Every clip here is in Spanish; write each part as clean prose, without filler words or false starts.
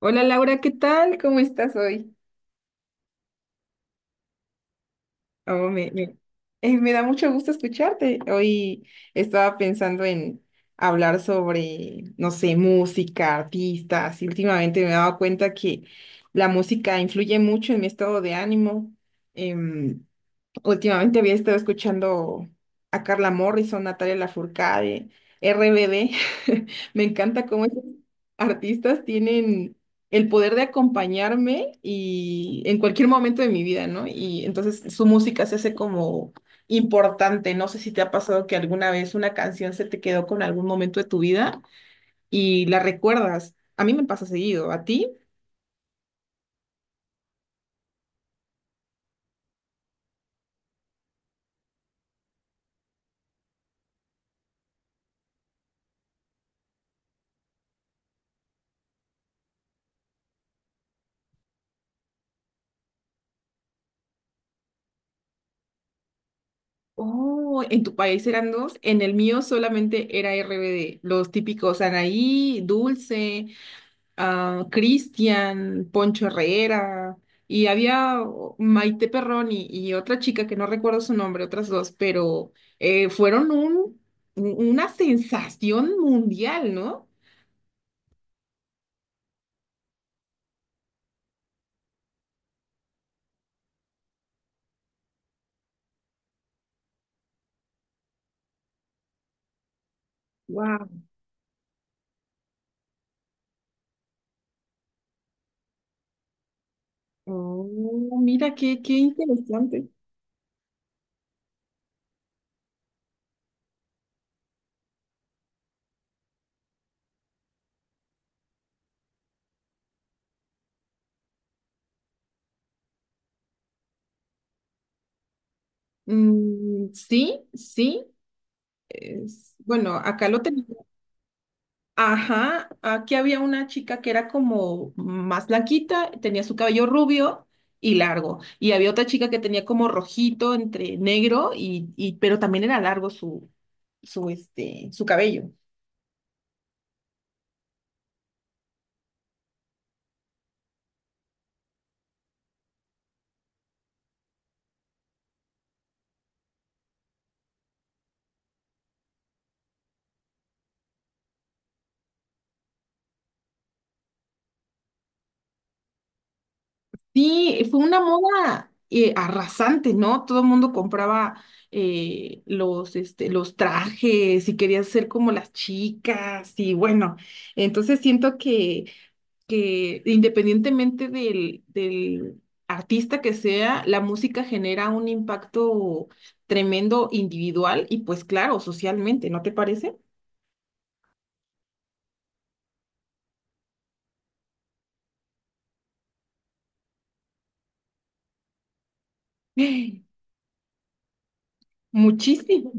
Hola Laura, ¿qué tal? ¿Cómo estás hoy? Oh, me, me- Me da mucho gusto escucharte. Hoy estaba pensando en hablar sobre, no sé, música, artistas, y últimamente me he dado cuenta que la música influye mucho en mi estado de ánimo. Em, Últimamente había estado escuchando a Carla Morrison, Natalia Lafourcade, RBD. Me encanta cómo esos artistas tienen el poder de acompañarme y en cualquier momento de mi vida, ¿no? Y entonces su música se hace como importante. No sé si te ha pasado que alguna vez una canción se te quedó con algún momento de tu vida y la recuerdas. A mí me pasa seguido, ¿a ti? Oh, en tu país eran dos, en el mío solamente era RBD, los típicos Anaí, Dulce, ah, Cristian, Poncho Herrera, y había oh, Maite Perroni y otra chica que no recuerdo su nombre, otras dos, pero fueron una sensación mundial, ¿no? Wow. Oh, mira, qué interesante. Mm, sí, sí. Bueno, acá lo tenemos. Ajá, aquí había una chica que era como más blanquita, tenía su cabello rubio y largo, y había otra chica que tenía como rojito entre negro y pero también era largo este, su cabello. Sí, fue una moda arrasante, ¿no? Todo el mundo compraba este, los trajes y quería ser como las chicas y bueno, entonces siento que independientemente del artista que sea, la música genera un impacto tremendo individual y pues claro, socialmente, ¿no te parece? Muchísimo.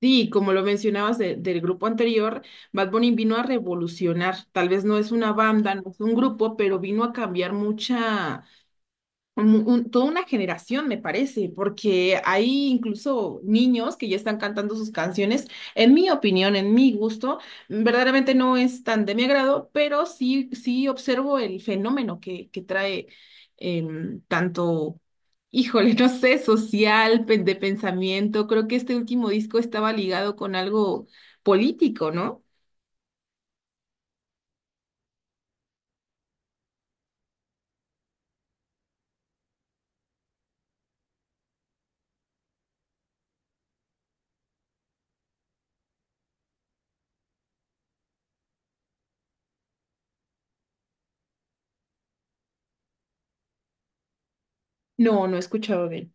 Sí, como lo mencionabas del grupo anterior, Bad Bunny vino a revolucionar. Tal vez no es una banda, no es un grupo, pero vino a cambiar mucha toda una generación, me parece, porque hay incluso niños que ya están cantando sus canciones. En mi opinión, en mi gusto, verdaderamente no es tan de mi agrado, pero sí, sí observo el fenómeno que trae em, tanto, híjole, no sé, social, de pensamiento. Creo que este último disco estaba ligado con algo político, ¿no? No, no he escuchado bien.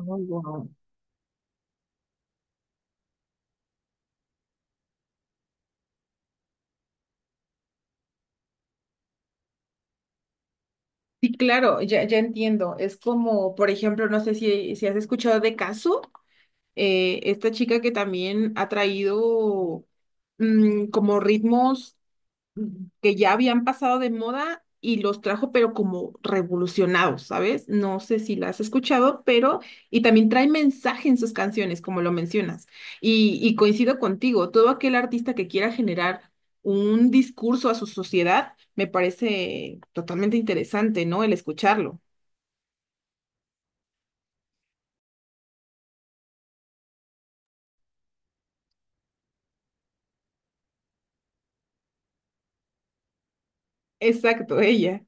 Oh, wow. Sí, claro, ya, ya entiendo. Es como, por ejemplo, no sé si has escuchado de Casu, esta chica que también ha traído como ritmos que ya habían pasado de moda y los trajo, pero como revolucionados, ¿sabes? No sé si las has escuchado, pero, y también trae mensaje en sus canciones, como lo mencionas. Y coincido contigo, todo aquel artista que quiera generar un discurso a su sociedad, me parece totalmente interesante, ¿no? El escucharlo. Exacto, ella.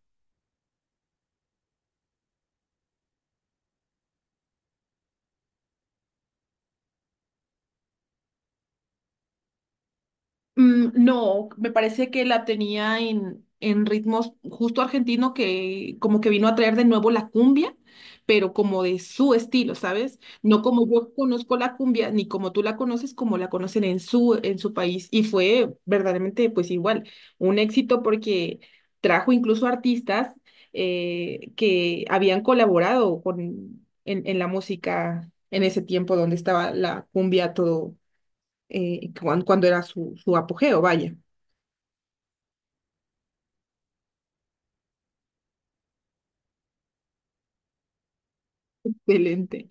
Mm, no, me parece que la tenía en ritmos justo argentino que como que vino a traer de nuevo la cumbia, pero como de su estilo, ¿sabes? No como yo conozco la cumbia, ni como tú la conoces, como la conocen en su país. Y fue verdaderamente, pues igual, un éxito porque trajo incluso artistas que habían colaborado en la música en ese tiempo donde estaba la cumbia a todo cuando, era su apogeo, vaya, excelente.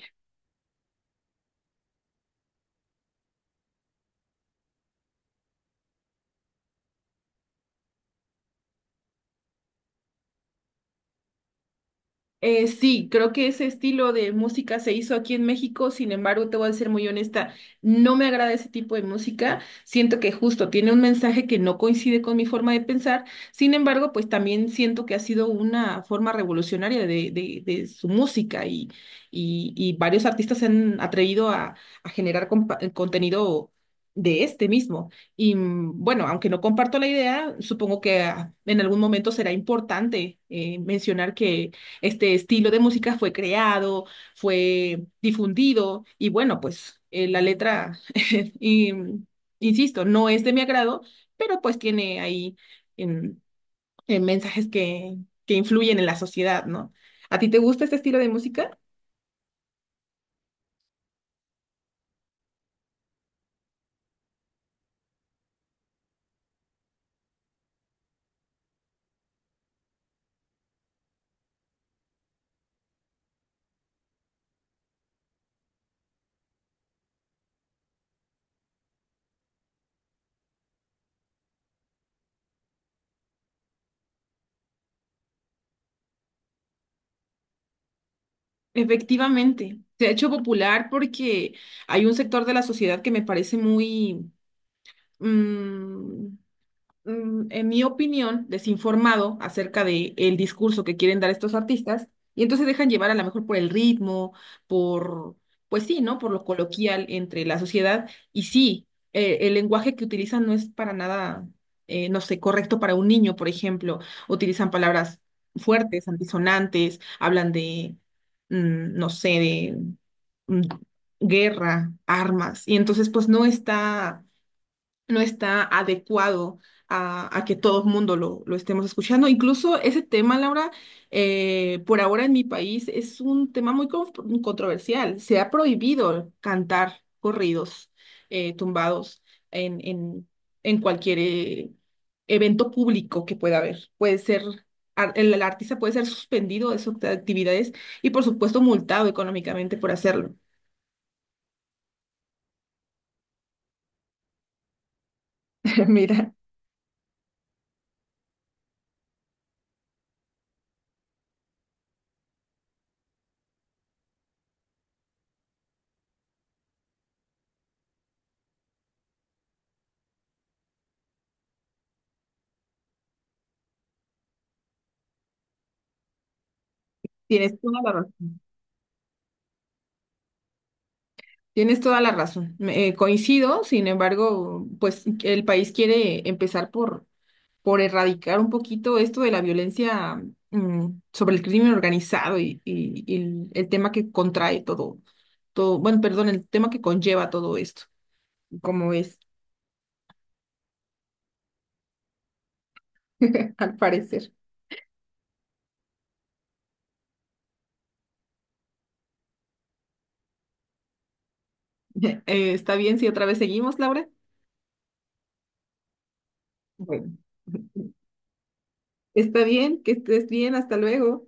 Sí, creo que ese estilo de música se hizo aquí en México, sin embargo, te voy a ser muy honesta, no me agrada ese tipo de música, siento que justo tiene un mensaje que no coincide con mi forma de pensar, sin embargo, pues también siento que ha sido una forma revolucionaria de su música y varios artistas se han atrevido a generar contenido de este mismo. Y bueno, aunque no comparto la idea, supongo que ah, en algún momento será importante mencionar que este estilo de música fue creado, fue difundido y bueno, pues la letra, y, insisto, no es de mi agrado, pero pues tiene ahí em, mensajes que influyen en la sociedad, ¿no? ¿A ti te gusta este estilo de música? Efectivamente, se ha hecho popular porque hay un sector de la sociedad que me parece muy... mm, en mi opinión, desinformado acerca de el discurso que quieren dar estos artistas, y entonces dejan llevar a lo mejor por el ritmo, por, pues sí, ¿no? Por lo coloquial entre la sociedad, y sí, el lenguaje que utilizan no es para nada, no sé, correcto para un niño, por ejemplo, utilizan palabras fuertes, antisonantes, hablan de, no sé, de mm, guerra, armas, y entonces pues no está adecuado a que todo el mundo lo estemos escuchando. Incluso ese tema, Laura, por ahora en mi país es un tema muy controversial. Se ha prohibido cantar corridos tumbados en, en, en cualquier evento público que pueda haber. Puede ser... el artista puede ser suspendido de sus actividades y, por supuesto, multado económicamente por hacerlo. Mira, tienes toda la razón. Tienes toda la razón. Coincido, sin embargo, pues el país quiere empezar por erradicar un poquito esto de la violencia mm, sobre el crimen organizado y el tema que contrae todo, todo, bueno, perdón, el tema que conlleva todo esto, como es, al parecer. ¿Está bien si otra vez seguimos, Laura? Bueno, está bien, que estés bien, hasta luego.